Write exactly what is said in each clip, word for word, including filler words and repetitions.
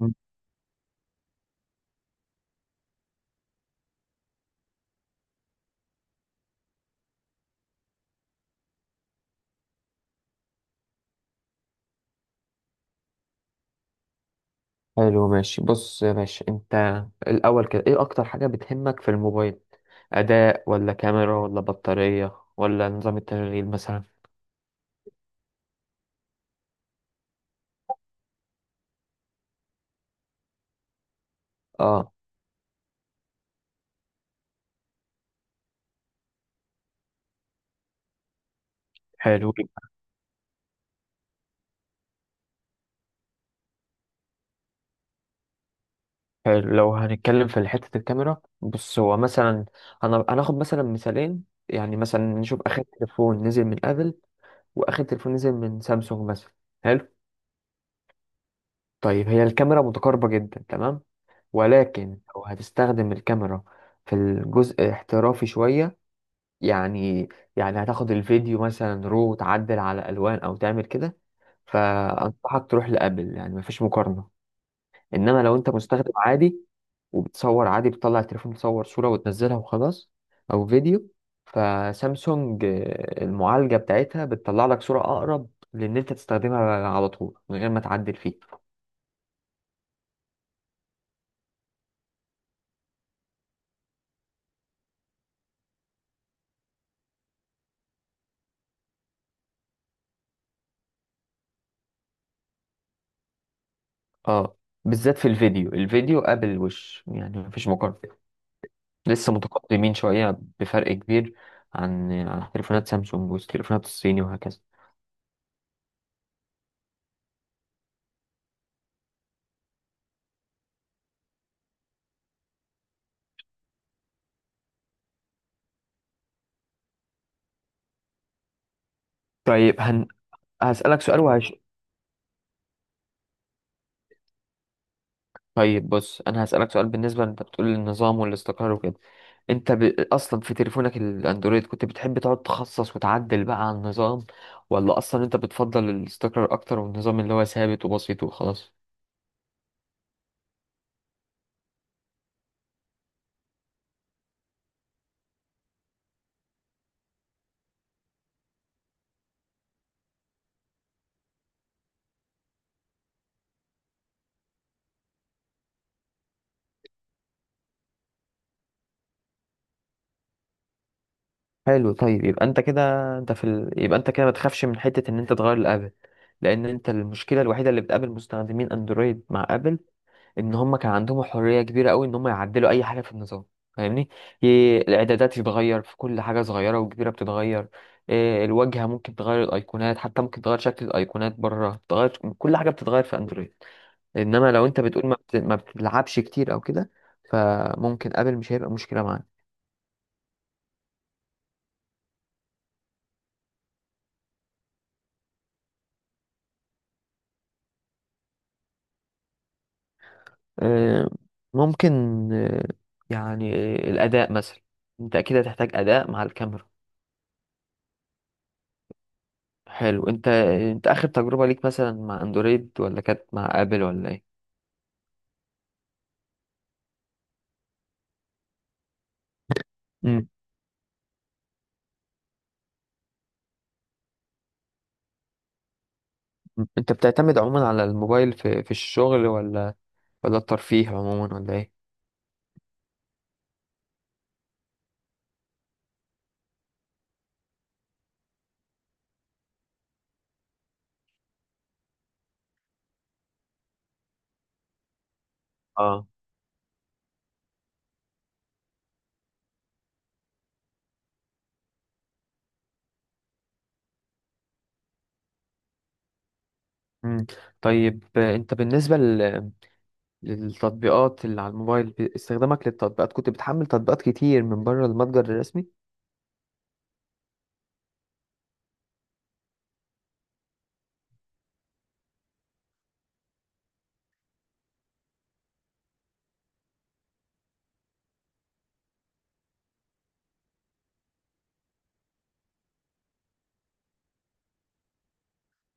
مم. حلو ماشي، بص يا باشا، انت الاول كده ايه اكتر حاجة بتهمك في الموبايل؟ اداء ولا كاميرا ولا بطارية ولا نظام التشغيل مثلا؟ اه. حلو حلو لو هنتكلم في حتة الكاميرا، بص هو مثلا انا هناخد مثلا مثالين، يعني مثلا نشوف اخر تليفون نزل من ابل واخر تليفون نزل من سامسونج مثلا. حلو. طيب هي الكاميرا متقاربة جدا تمام، ولكن لو هتستخدم الكاميرا في الجزء احترافي شوية، يعني يعني هتاخد الفيديو مثلا رو وتعدل على الوان او تعمل كده، فانصحك تروح لابل، يعني مفيش مقارنه. انما لو انت مستخدم عادي وبتصور عادي، بتطلع التليفون تصور صوره وتنزلها وخلاص، او فيديو، فسامسونج آه، المعالجه بتاعتها بتطلع لك صوره اقرب، لان انت تستخدمها على طول من غير ما تعدل فيه. اه، بالذات في الفيديو. الفيديو قبل الوش يعني مفيش مقارنه، لسه متقدمين شوية بفرق كبير عن عن تليفونات سامسونج والتليفونات الصيني وهكذا. طيب هن... هسألك سؤال وهش طيب، بص أنا هسألك سؤال، بالنسبة أنت بتقول النظام والاستقرار وكده. أنت ب... أصلا في تليفونك الأندرويد كنت بتحب تقعد تخصص وتعدل بقى على النظام، ولا أصلا أنت بتفضل الاستقرار أكتر، والنظام اللي هو ثابت وبسيط وخلاص؟ حلو. طيب يبقى أنت كده، أنت في ال... يبقى أنت كده ما تخافش من حتة إن أنت تغير الآبل، لأن أنت المشكلة الوحيدة اللي بتقابل مستخدمين أندرويد مع آبل، ان هم كان عندهم حريه كبيره قوي ان هم يعدلوا اي حاجه في النظام، فاهمني؟ ي- الاعدادات تتغير، في كل حاجه صغيره وكبيره بتتغير. إيه، الواجهه ممكن تغير الايقونات، حتى ممكن تغير شكل الايقونات بره، تغير كل حاجه بتتغير في اندرويد. انما لو انت بتقول ما, بت... ما بتلعبش كتير او كده، فممكن ابل مش هيبقى مشكله معاك. إيه، ممكن، إيه، يعني آه، الاداء مثلا، انت اكيد هتحتاج اداء مع الكاميرا. حلو. انت انت اخر تجربه ليك مثلا مع اندرويد، ولا كانت مع ابل، ولا ايه؟ مم. مم. انت بتعتمد عموما على الموبايل في في الشغل، ولا ولا الترفيه عموما، ولا ايه؟ اه. مم. طيب آه، انت بالنسبة لل- للتطبيقات اللي على الموبايل، ب- استخدامك للتطبيقات، كنت بتحمل تطبيقات كتير من بره المتجر الرسمي؟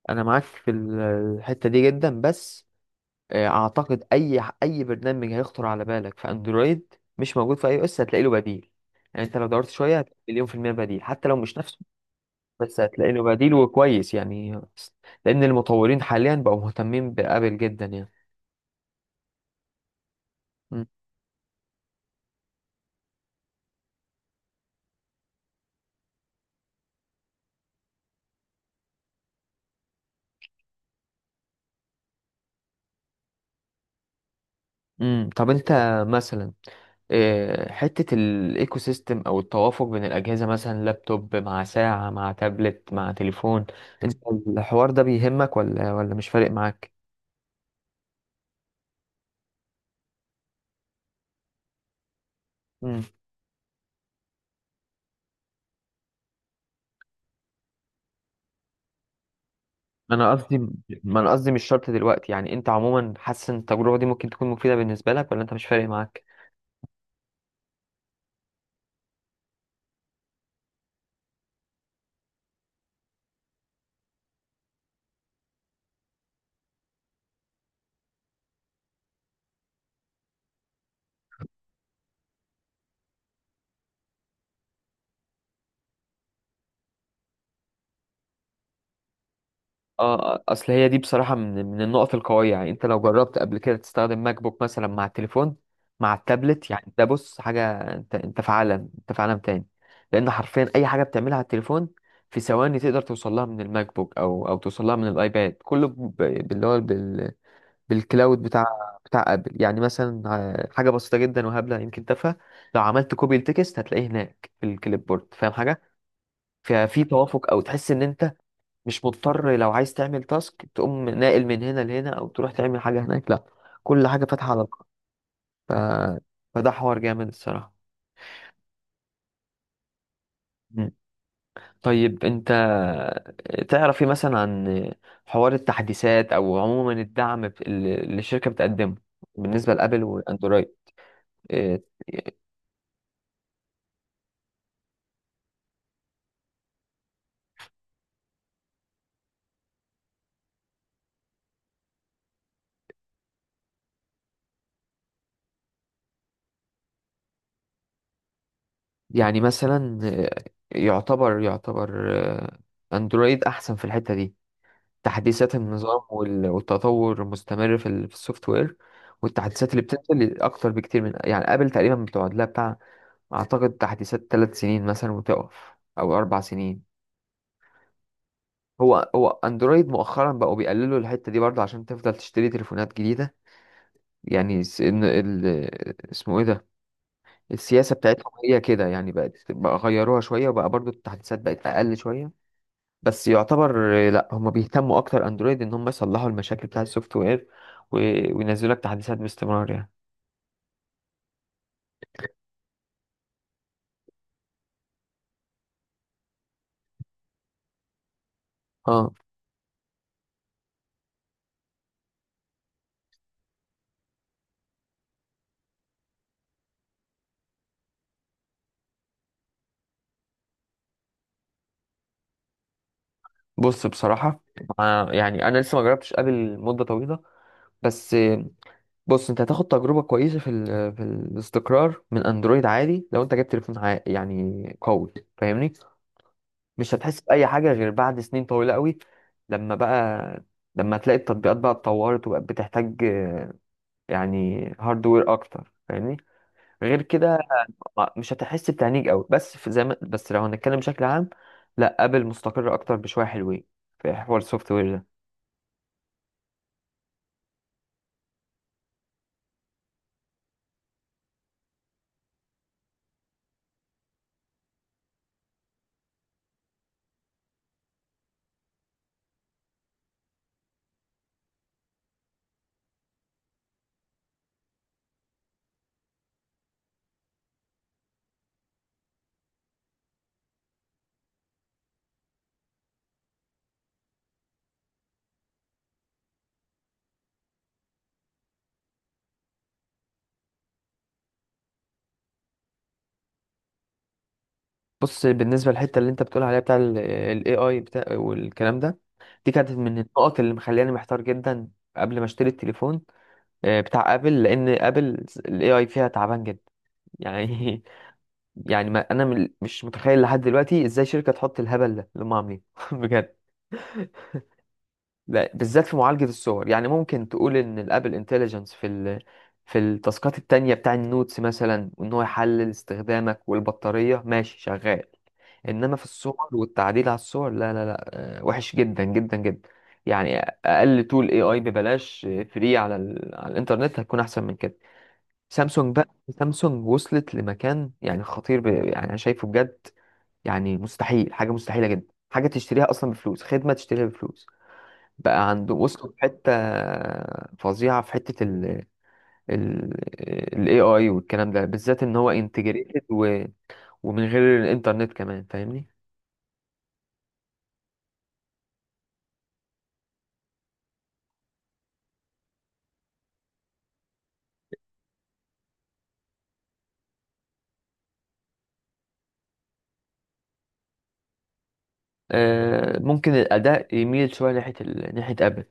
انا معاك في ال- الحتة دي جدا، بس آه، اعتقد اي ح- اي برنامج هيخطر على بالك في اندرويد مش موجود في اي او اس هتلاقي له بديل، يعني انت لو دورت شوية هتلاقي مليون في المية بديل، حتى لو مش نفسه بس هتلاقي له بديل وكويس يعني، لأن المطورين حاليا بقوا مهتمين بآبل جدا يعني. مم. مم. طب أنت مثلا، آه، حتة الإيكو سيستم أو التوافق بين الأجهزة، مثلا لابتوب مع ساعة مع تابلت مع تليفون، أنت الحوار ده بيهمك ولا ولا مش فارق معاك؟ مم. أنا قصدي، ما أنا قصدي مش شرط دلوقتي، يعني أنت عموما حاسس إن التجربة دي ممكن تكون مفيدة بالنسبة لك، ولا أنت مش فارق معاك؟ اه، اصل هي دي بصراحة من من النقط القوية، يعني انت لو جربت قبل كده تستخدم ماك بوك مثلا مع التليفون مع التابلت، يعني ده بص حاجة، انت انت في عالم، انت في عالم تاني. لان حرفيا اي حاجة بتعملها على التليفون في ثواني تقدر توصلها من الماك بوك، او او توصلها من الايباد، كله ب- باللي هو بال بالكلاود بتاع بتاع ابل يعني. مثلا آه، حاجة بسيطة جدا وهبلة يمكن تافهة، لو عملت كوبي التكست هتلاقيه هناك في الكليب بورد، فاهم حاجة؟ ففي توافق، او تحس ان انت مش مضطر، لو عايز تعمل تاسك تقوم ناقل من هنا لهنا او تروح تعمل حاجه هناك، لا كل حاجه فاتحه على بعض. ف... فده حوار جامد الصراحه. مم. طيب انت تعرف ايه مثلا عن حوار التحديثات، او عموما الدعم ب- اللي الشركه بتقدمه بالنسبه لابل واندرويد؟ إيه، يعني مثلا، إيه، يعتبر يعتبر آه، اندرويد احسن في الحته دي، تحديثات النظام وال- والتطور المستمر في ال- في السوفت وير، والتحديثات اللي بتنزل اكتر بكتير من يعني ابل. تقريبا بتقعد لها بتاع، اعتقد تحديثات ثلاث سنين مثلا وتقف، او اربع سنين. هو هو اندرويد مؤخرا بقوا بيقللوا الحته دي برضه، عشان تفضل تشتري تليفونات جديده، يعني س- إن ال... اسمه ايه ده، السياسه بتاعتهم هي كده يعني، بقت، بقى غيروها شويه، وبقى برضه التحديثات بقت اقل شويه. بس يعتبر آه، لا هم بيهتموا اكتر اندرويد ان هم يصلحوا المشاكل بتاعه السوفت وير، و- وينزلوا لك تحديثات باستمرار يعني. اه. بص بصراحه، آه، يعني انا لسه ما جربتش ابل مده طويله، بس آه، بص انت هتاخد تجربه كويسه في ال- في الاستقرار من اندرويد عادي، لو انت جبت تليفون عا- يعني قوي، فاهمني؟ مش هتحس باي حاجه غير بعد سنين طويله قوي، لما بقى لما تلاقي التطبيقات بقى اتطورت وبقت بتحتاج آه، يعني هاردوير اكتر، فاهمني؟ غير كده ما- مش هتحس بتعنيج قوي، بس في زي ما، بس لو هنتكلم بشكل عام، لا ابل مستقر اكتر بشويه حلوين في حوار السوفت وير ده. بص بالنسبه للحته اللي انت بتقول عليها بتاع الاي اي بتاع والكلام ده، دي كانت من النقط اللي مخلياني محتار جدا قبل ما اشتري التليفون، آه، بتاع ابل، لان ابل الاي اي فيها تعبان جدا يعني. يعني ما انا من- مش متخيل لحد دلوقتي ازاي شركه تحط الهبل ده اللي هم عاملينه، بجد. لا، بالذات في معالجة الصور، يعني ممكن تقول ان الابل انتليجنس في ال... في التاسكات التانية بتاع النوتس مثلا، وان هو يحلل استخدامك والبطارية، ماشي شغال، انما في الصور والتعديل على الصور لا لا لا. آه، وحش جدا جدا جدا يعني، اقل تول اي اي ببلاش فري على ال... على الانترنت هتكون احسن من كده. سامسونج بقى، سامسونج وصلت لمكان يعني خطير، ب... يعني انا شايفه بجد، يعني مستحيل، حاجة مستحيلة جدا حاجة تشتريها اصلا بفلوس، خدمة تشتريها بفلوس بقى عنده، وصلوا في حتة فظيعة في حتة ال ال ال إيه آي والكلام ده، بالذات ان هو انتجريتد و... ومن غير الانترنت كمان، فاهمني؟ آه، ممكن الأداء يميل شوية ناحية ال... ناحية أبل.